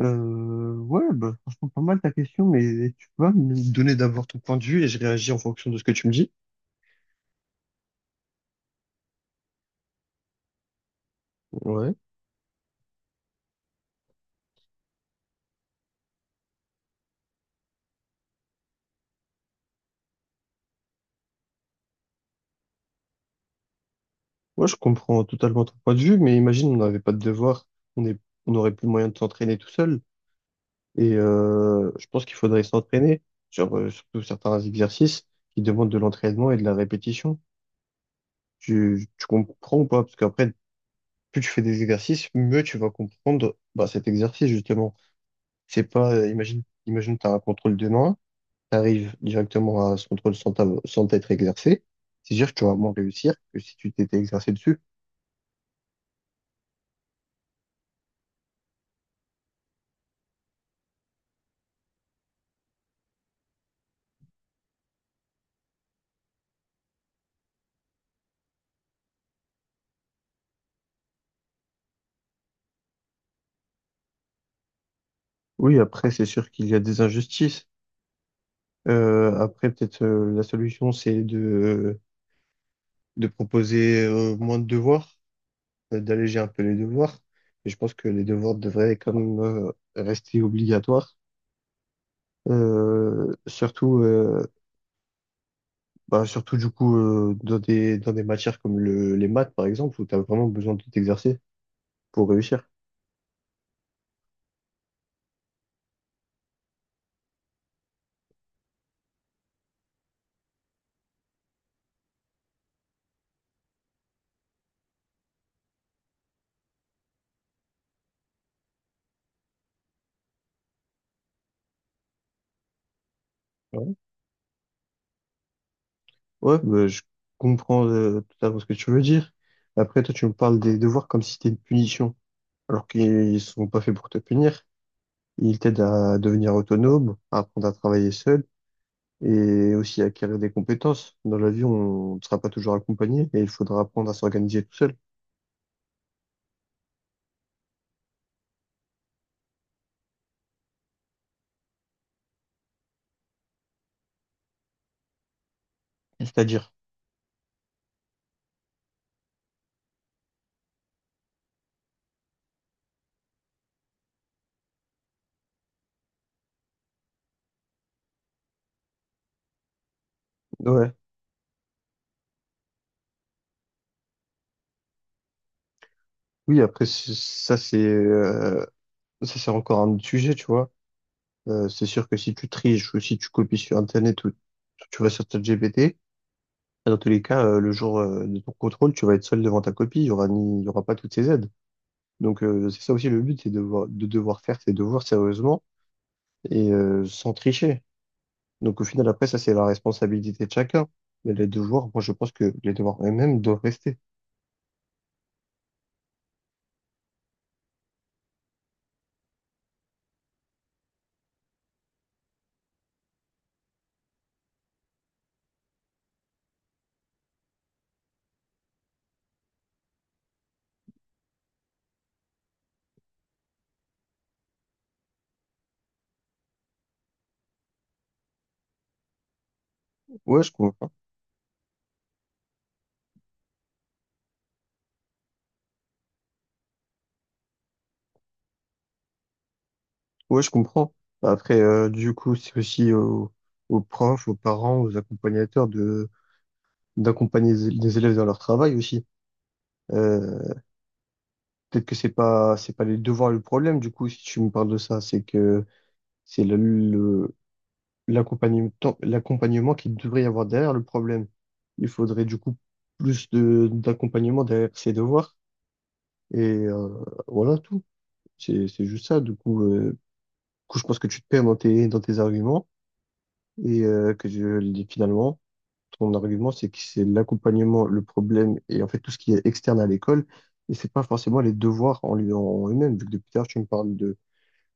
Franchement, pas mal ta question, mais tu peux me donner d'abord ton point de vue et je réagis en fonction de ce que tu me dis. Ouais. Ouais, je comprends totalement ton point de vue, mais imagine, on n'avait pas de devoir, on est, on n'aurait plus moyen de s'entraîner tout seul. Et je pense qu'il faudrait s'entraîner sur surtout certains exercices qui demandent de l'entraînement et de la répétition. Tu comprends ou pas? Parce qu'après, plus tu fais des exercices, mieux tu vas comprendre bah, cet exercice, justement. C'est pas, imagine, imagine, tu as un contrôle demain tu directement à ce contrôle sans, sans t'être exercé, c'est sûr que tu vas moins réussir que si tu t'étais exercé dessus. Oui, après, c'est sûr qu'il y a des injustices. Après, peut-être la solution, c'est de proposer moins de devoirs, d'alléger un peu les devoirs. Et je pense que les devoirs devraient quand même rester obligatoires. Euh, surtout, euh, surtout du coup, dans des matières comme le, les maths, par exemple, où tu as vraiment besoin de t'exercer pour réussir. Ouais. Ouais, bah, je comprends totalement ce que tu veux dire. Après, toi, tu me parles des devoirs comme si c'était une punition, alors qu'ils sont pas faits pour te punir. Ils t'aident à devenir autonome, à apprendre à travailler seul et aussi à acquérir des compétences. Dans la vie, on ne sera pas toujours accompagné et il faudra apprendre à s'organiser tout seul. C'est-à-dire, ouais. Oui, après, c'est ça, c'est encore un autre sujet, tu vois. C'est sûr que si tu triches ou si tu copies sur Internet ou tu vas sur ChatGPT, bah, dans tous les cas, le jour de ton contrôle, tu vas être seul devant ta copie. Il y aura pas toutes ces aides. Donc, c'est ça aussi le but, c'est de devoir faire ses devoirs sérieusement et sans tricher. Donc, au final, après, ça, c'est la responsabilité de chacun. Mais les devoirs, moi, je pense que les devoirs eux-mêmes doivent rester. Ouais, je comprends. Ouais, je comprends. Après, du coup, c'est aussi au aux profs, aux parents, aux accompagnateurs de, d'accompagner les élèves dans leur travail aussi. Euh, Peut-être que c'est pas les devoirs le problème du coup, si tu me parles de ça c'est que c'est le l'accompagnement, l'accompagnement qu'il devrait y avoir derrière le problème. Il faudrait du coup plus de d'accompagnement derrière ces devoirs et euh, voilà tout. C'est juste ça du coup, du coup je pense que tu te perds dans tes arguments et finalement ton argument, c'est que c'est l'accompagnement, le problème, et en fait tout ce qui est externe à l'école. Et c'est pas forcément les devoirs en eux-mêmes, vu que depuis tard, tu me parles de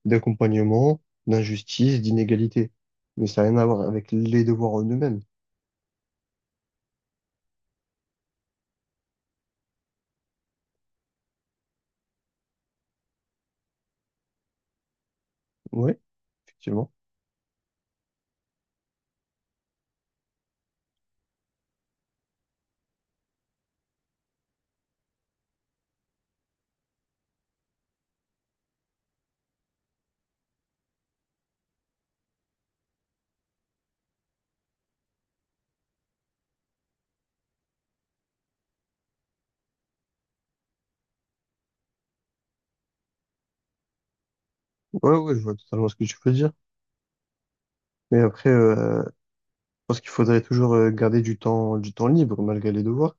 d'accompagnement, d'injustice, d'inégalité. Mais ça n'a rien à voir avec les devoirs en eux-mêmes. Oui, effectivement. Ouais, ouais, je vois totalement ce que tu veux dire. Mais après, je pense qu'il faudrait toujours garder du temps libre malgré les devoirs.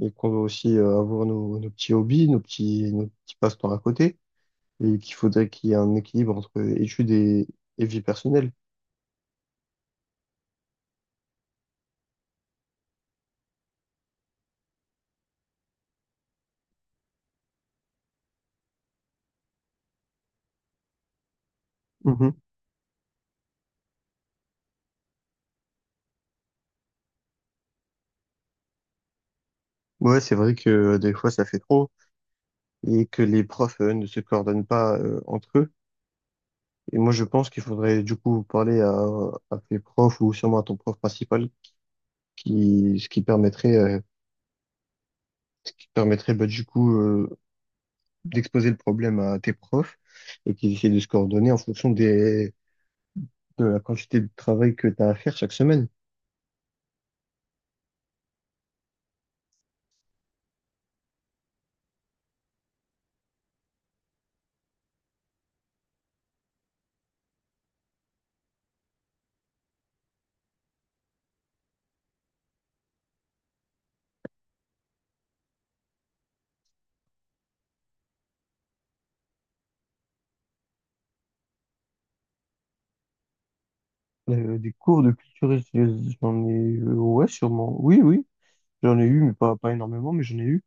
Et qu'on doit aussi avoir nos, nos petits hobbies, nos petits passe-temps à côté. Et qu'il faudrait qu'il y ait un équilibre entre études et vie personnelle. Mhm. Ouais, c'est vrai que des fois ça fait trop et que les profs ne se coordonnent pas entre eux. Et moi je pense qu'il faudrait du coup parler à tes profs ou sûrement à ton prof principal qui ce qui permettrait ce qui permettrait bah, du coup euh, d'exposer le problème à tes profs et qu'ils essaient de se coordonner en fonction des de la quantité de travail que tu as à faire chaque semaine. Des cours de culture, j'en ai ouais sûrement. Oui oui, j'en ai eu mais pas énormément mais j'en ai eu.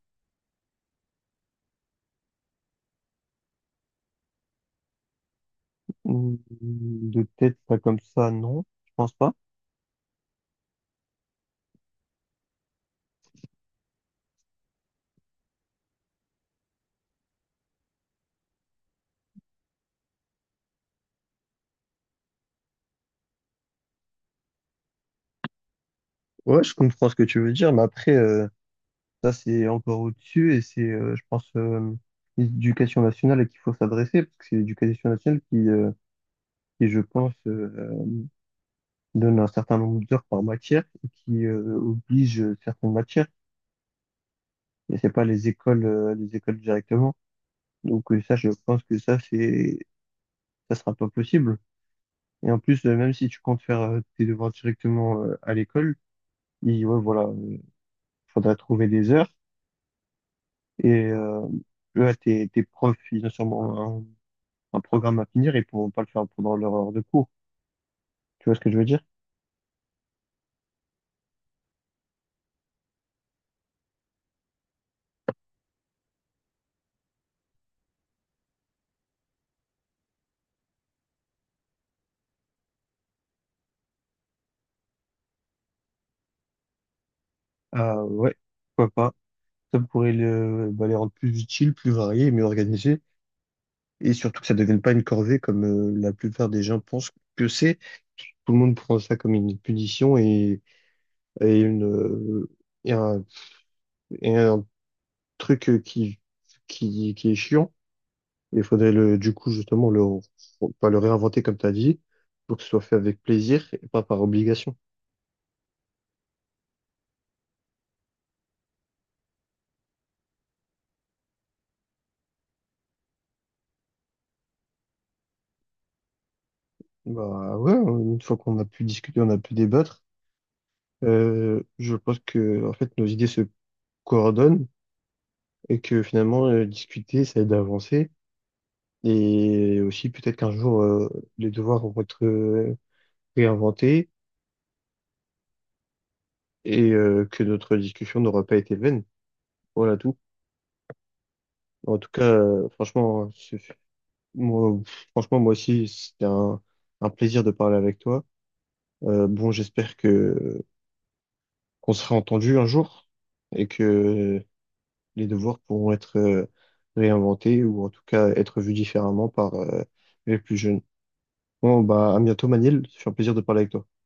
Hmm, de tête, pas comme ça, non, je pense pas. Ouais, je comprends ce que tu veux dire, mais après, ça c'est encore au-dessus et c'est, l'éducation nationale à qui il faut s'adresser, parce que c'est l'éducation nationale qui je pense, donne un certain nombre d'heures par matière et qui oblige certaines matières, et c'est pas les écoles directement. Donc je pense que ça, ça sera pas possible. Et en plus, même si tu comptes faire tes devoirs directement à l'école, et ouais, voilà, faudrait trouver des heures. Et eux, là, tes profs, ils ont sûrement un programme à finir et ils pourront pas le faire pendant leur heure de cours. Tu vois ce que je veux dire? Ah ouais, pourquoi pas. Ça pourrait les rendre plus utiles, plus variés, mieux organisés. Et surtout que ça ne devienne pas une corvée comme la plupart des gens pensent que c'est. Tout le monde prend ça comme une punition et une, euh, et un, et un truc qui est chiant. Il faudrait le, du coup, justement, le, pas le réinventer comme tu as dit, pour que ce soit fait avec plaisir et pas par obligation. Bah ouais, une fois qu'on a pu discuter, on a pu débattre, je pense que en fait nos idées se coordonnent et que finalement discuter, ça aide à avancer. Et aussi peut-être qu'un jour les devoirs vont être réinventés et que notre discussion n'aura pas été vaine. Voilà tout. En tout cas, franchement, ce Moi, pff, franchement, moi aussi, c'était un plaisir de parler avec toi. Bon, j'espère que qu'on sera entendu un jour et que les devoirs pourront être réinventés, ou en tout cas être vus différemment par les plus jeunes. Bon, bah, à bientôt, Manil. C'est un plaisir de parler avec toi.